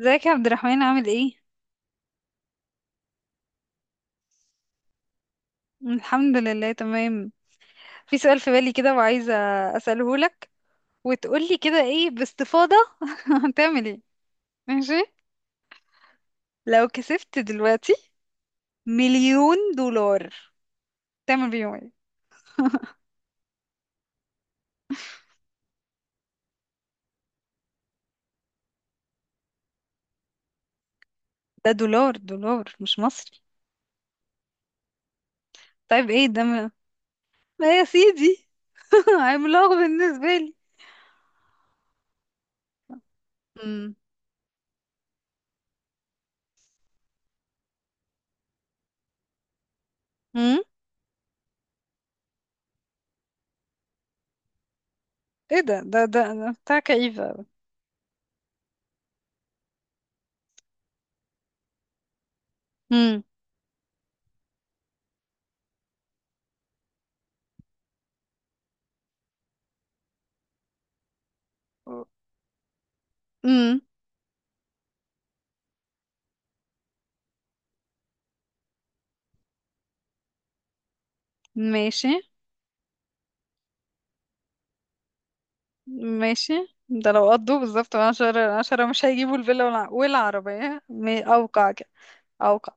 ازيك يا عبد الرحمن، عامل ايه؟ الحمد لله تمام. في سؤال في بالي كده وعايزة أسأله لك وتقولي كده ايه باستفاضة. هتعمل ايه؟ ماشي؟ لو كسبت دلوقتي مليون دولار تعمل بيهم ايه؟ ده دولار دولار مش مصري. طيب ايه ده ما يا سيدي. عملاق بالنسبة لي. امم امم ايه ده بتاع كئيبة. امم امم ماشي ماشي. ده لو قضوا بالظبط عشرة عشرة مش هيجيبوا الفيلا والعربية أوقع كده. أوقع.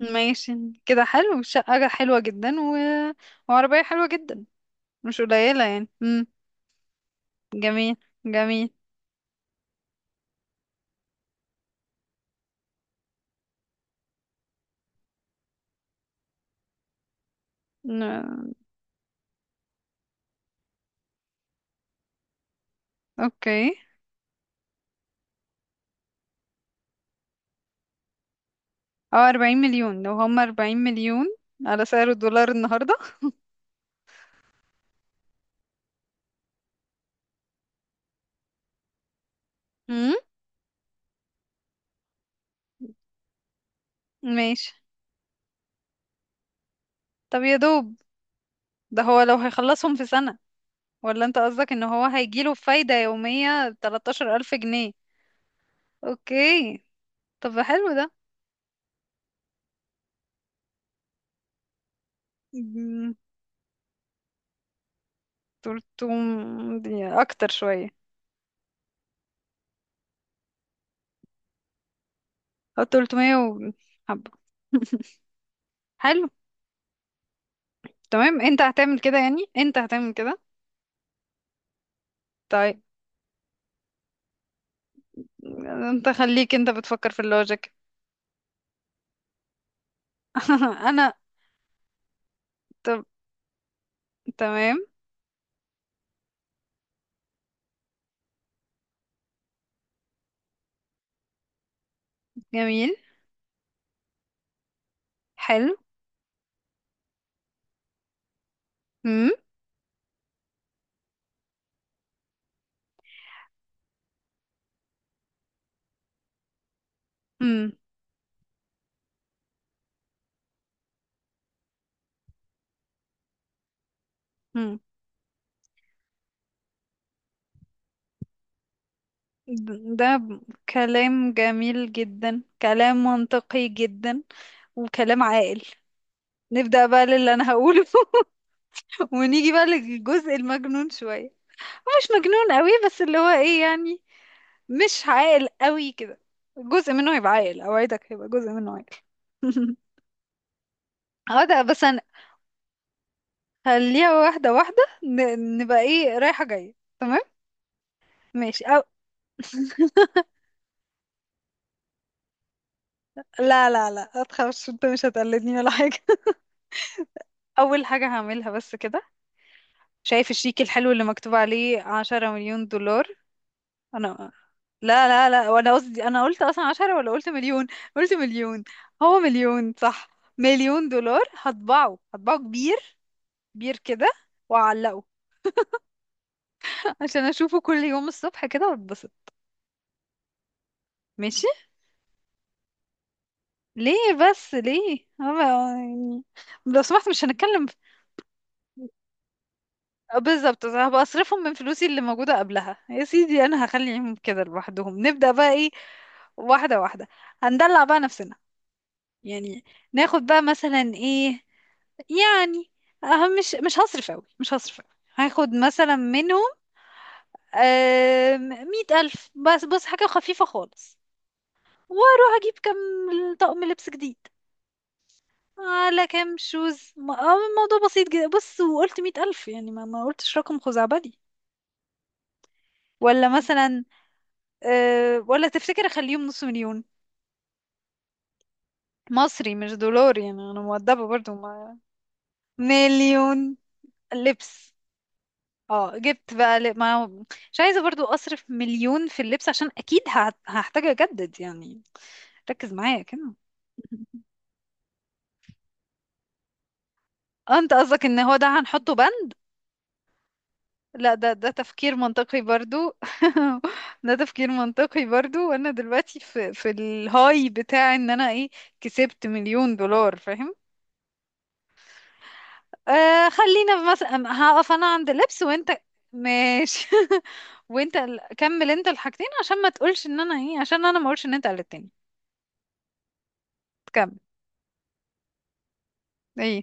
ماشي. كده حلو، شقة حلوة جدا وعربية حلوة جدا. مش قليلة يعني. جميل. جميل. ن- أوكي. أو 40 مليون، لو هم 40 مليون على سعر الدولار النهاردة. مم. ماشي. طب يا دوب ده هو لو هيخلصهم في سنة، ولا أنت قصدك إن هو هيجيله فايدة يومية 13 ألف جنيه؟ أوكي. طب حلو ده. مم، تلتم اكتر شوية. او تلتمية حبة. حلو. تمام، انت هتعمل كده يعني؟ انت هتعمل كده. طيب انت خليك، انت بتفكر في اللوجيك. انا. طب. تمام. جميل. حلو. مم. مم. مم. ده كلام جميل جدا، كلام منطقي جدا، وكلام عاقل. نبدأ بقى للي انا هقوله. ونيجي بقى للجزء المجنون شوية، مش مجنون قوي بس اللي هو ايه يعني، مش عاقل قوي كده. جزء منه هيبقى عاقل، اوعدك هيبقى جزء منه عاقل. اه، ده بس هنخليها واحدة واحدة. نبقى ايه، رايحة جاية، تمام. ماشي. لا لا لا، متخافش، انت مش هتقلدني ولا حاجة. أول حاجة هعملها بس كده، شايف الشيك الحلو اللي مكتوب عليه 10 مليون دولار؟ انا لا لا لا، وانا قصدي، انا قلت اصلا عشرة ولا قلت مليون؟ قلت مليون. هو مليون صح. مليون دولار، هطبعه، هطبعه كبير، كبير كده، واعلقه. عشان اشوفه كل يوم الصبح كده واتبسط. ماشي. ليه؟ بس ليه أنا يعني، لو سمحت مش هنتكلم بالظبط، هبقى اصرفهم من فلوسي اللي موجودة قبلها يا سيدي، انا هخليهم كده لوحدهم. نبدأ بقى ايه؟ واحدة واحدة، هندلع بقى نفسنا، يعني ناخد بقى مثلا ايه يعني. أهم، مش هصرف أوي، مش هصرف أوي. هاخد مثلا منهم 100 ألف بس، بص حاجة خفيفة خالص. واروح أجيب كام طقم لبس جديد، على كام شوز الموضوع بسيط جدا، بص وقلت 100 ألف يعني، ما قلتش رقم خزعبلي ولا مثلا. ولا تفتكر أخليهم نص مليون؟ مصري مش دولار يعني، أنا مؤدبة برضو ما مليون لبس. اه جبت بقى ما هو- مش عايزة برضو أصرف مليون في اللبس، عشان أكيد هحتاج أجدد يعني. ركز معايا كده. اه، انت قصدك ان هو ده هنحطه بند؟ لا، ده تفكير منطقي برضو. ده تفكير منطقي برضو، وانا دلوقتي في الهاي بتاع ان انا ايه، كسبت مليون دولار فاهم. خلينا مثلا، هقف انا عند اللبس وانت. ماشي. وانت كمل انت الحاجتين عشان ما تقولش ان انا ايه، عشان انا ما اقولش ان انت قلت تاني. ايه.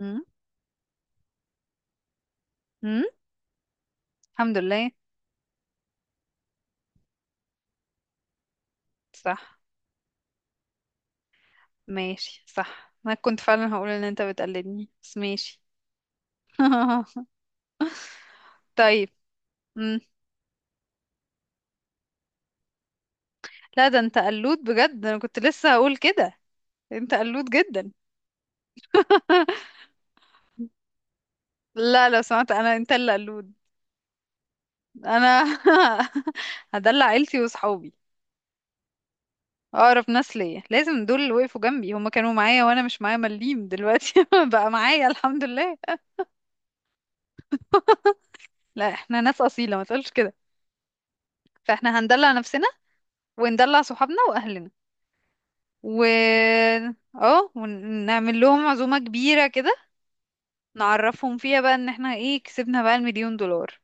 امم امم الحمد لله. صح. ماشي، صح، انا كنت فعلا هقول ان انت بتقلدني، بس ماشي. طيب. امم لا، ده انت قلود بجد، انا كنت لسه هقول كده. انت قلود جدا. لا لو سمعت، انا انت اللي قلود. انا هدلع عيلتي وصحابي، اقرب ناس ليا لازم دول، اللي وقفوا جنبي هما كانوا معايا وانا مش معايا مليم، دلوقتي بقى معايا الحمد لله. لا احنا ناس اصيله، ما تقولش كده. فاحنا هندلع نفسنا وندلع صحابنا واهلنا. و اه ونعمل لهم عزومة كبيرة كده، نعرفهم فيها بقى ان احنا ايه، كسبنا بقى المليون دولار.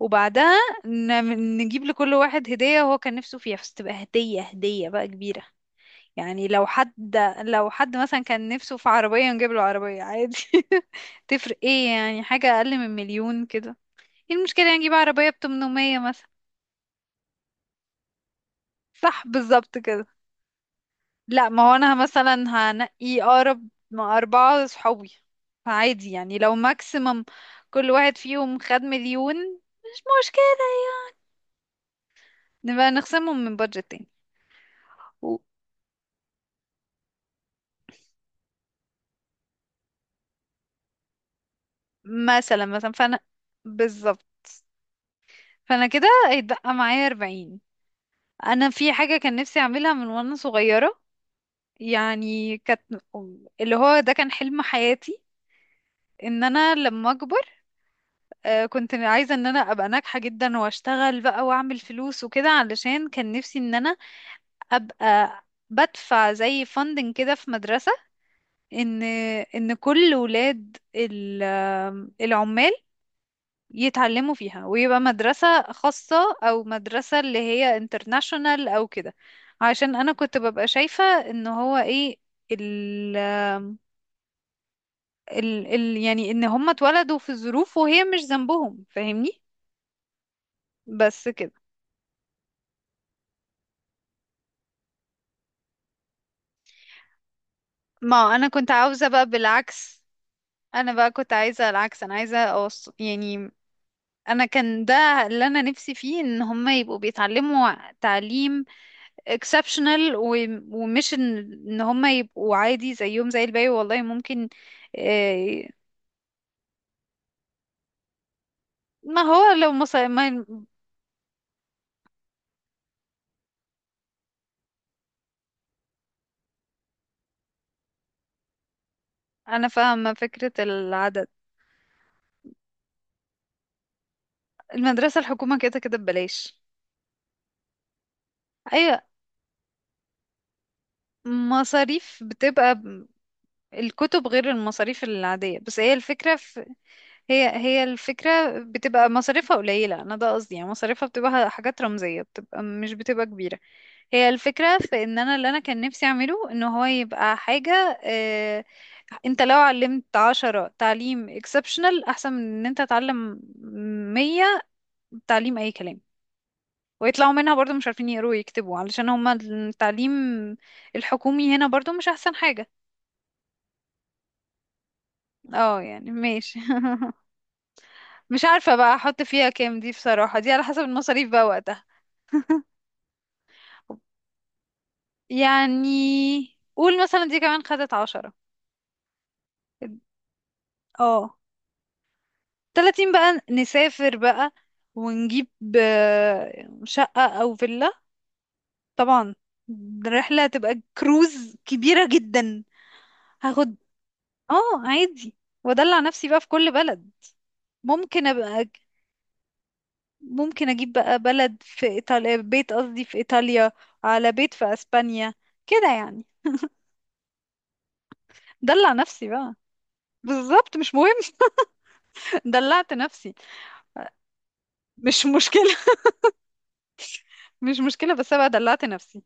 وبعدها نجيب لكل واحد هدية هو كان نفسه فيها، بس تبقى هدية، هدية بقى كبيرة. يعني لو حد مثلا كان نفسه في عربية نجيب له عربية عادي. تفرق ايه يعني؟ حاجة اقل من مليون كده. ايه المشكلة يعني؟ نجيب عربية ب 800 مثلا. صح، بالظبط كده. لا، ما هو انا مثلا هنقي اقرب مع اربعة صحابي، فعادي يعني لو ماكسيمم كل واحد فيهم خد مليون مش مشكلة. نبقى نخصمهم من بادجت تاني. و- مثلا، فانا. بالظبط، فانا كده هيتبقى معايا 40. انا في حاجة كان نفسي اعملها من وانا صغيرة، يعني اللي هو ده كان حلم حياتي، ان انا لما اكبر. كنت عايزة ان انا ابقى ناجحة جدا واشتغل بقى واعمل فلوس وكده، علشان كان نفسي ان انا ابقى بدفع زي فاندنج كده في مدرسة، ان ان كل ولاد العمال يتعلموا فيها، ويبقى مدرسة خاصة او مدرسة اللي هي انترناشونال او كده. عشان انا كنت ببقى شايفة ان هو ايه، ال ال ال يعني ان هم اتولدوا في الظروف وهي مش ذنبهم، فاهمني. بس كده. ما انا كنت عاوزة بقى بالعكس. انا بقى كنت عايزة العكس، انا عايزة يعني انا كان ده اللي انا نفسي فيه، ان هم يبقوا بيتعلموا تعليم exceptional، ومش إن هم يبقوا عادي زيهم زي الباقي، والله ممكن. آه، ما هو لو مصر ما انا فاهمة فكرة العدد. المدرسة الحكومة كده كده ببلاش. اي، مصاريف بتبقى الكتب غير المصاريف العادية، بس هي الفكرة. هي الفكرة بتبقى مصاريفها قليلة، أنا ده قصدي يعني، مصاريفها بتبقى حاجات رمزية، بتبقى مش بتبقى كبيرة. هي الفكرة في إن أنا اللي أنا كان نفسي أعمله إن هو يبقى حاجة. أنت لو علمت عشرة تعليم اكسبشنال أحسن من إن أنت تعلم 100 تعليم أي كلام، ويطلعوا منها برضو مش عارفين يقروا ويكتبوا، علشان هما التعليم الحكومي هنا برضو مش أحسن حاجة. اه يعني ماشي. مش عارفة بقى احط فيها كام، دي بصراحة دي على حسب المصاريف بقى وقتها. يعني قول مثلا دي كمان خدت عشرة. اه، 30 بقى نسافر بقى ونجيب شقة أو فيلا. طبعا الرحلة هتبقى كروز كبيرة جدا. هاخد، اه عادي، وادلع نفسي بقى في كل بلد. ممكن ابقى، ممكن اجيب بقى بلد في ايطاليا، بيت قصدي في ايطاليا، على بيت في اسبانيا كده يعني. دلع نفسي بقى. بالظبط، مش مهم. دلعت نفسي. مش مشكلة. مش مشكلة، بس أنا بقى دلعت نفسي.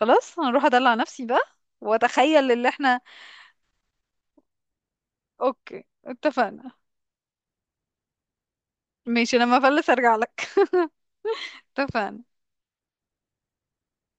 خلاص هنروح أدلع نفسي بقى وأتخيل اللي احنا. أوكي، اتفقنا. ماشي، لما أفلس أرجع لك. اتفقنا.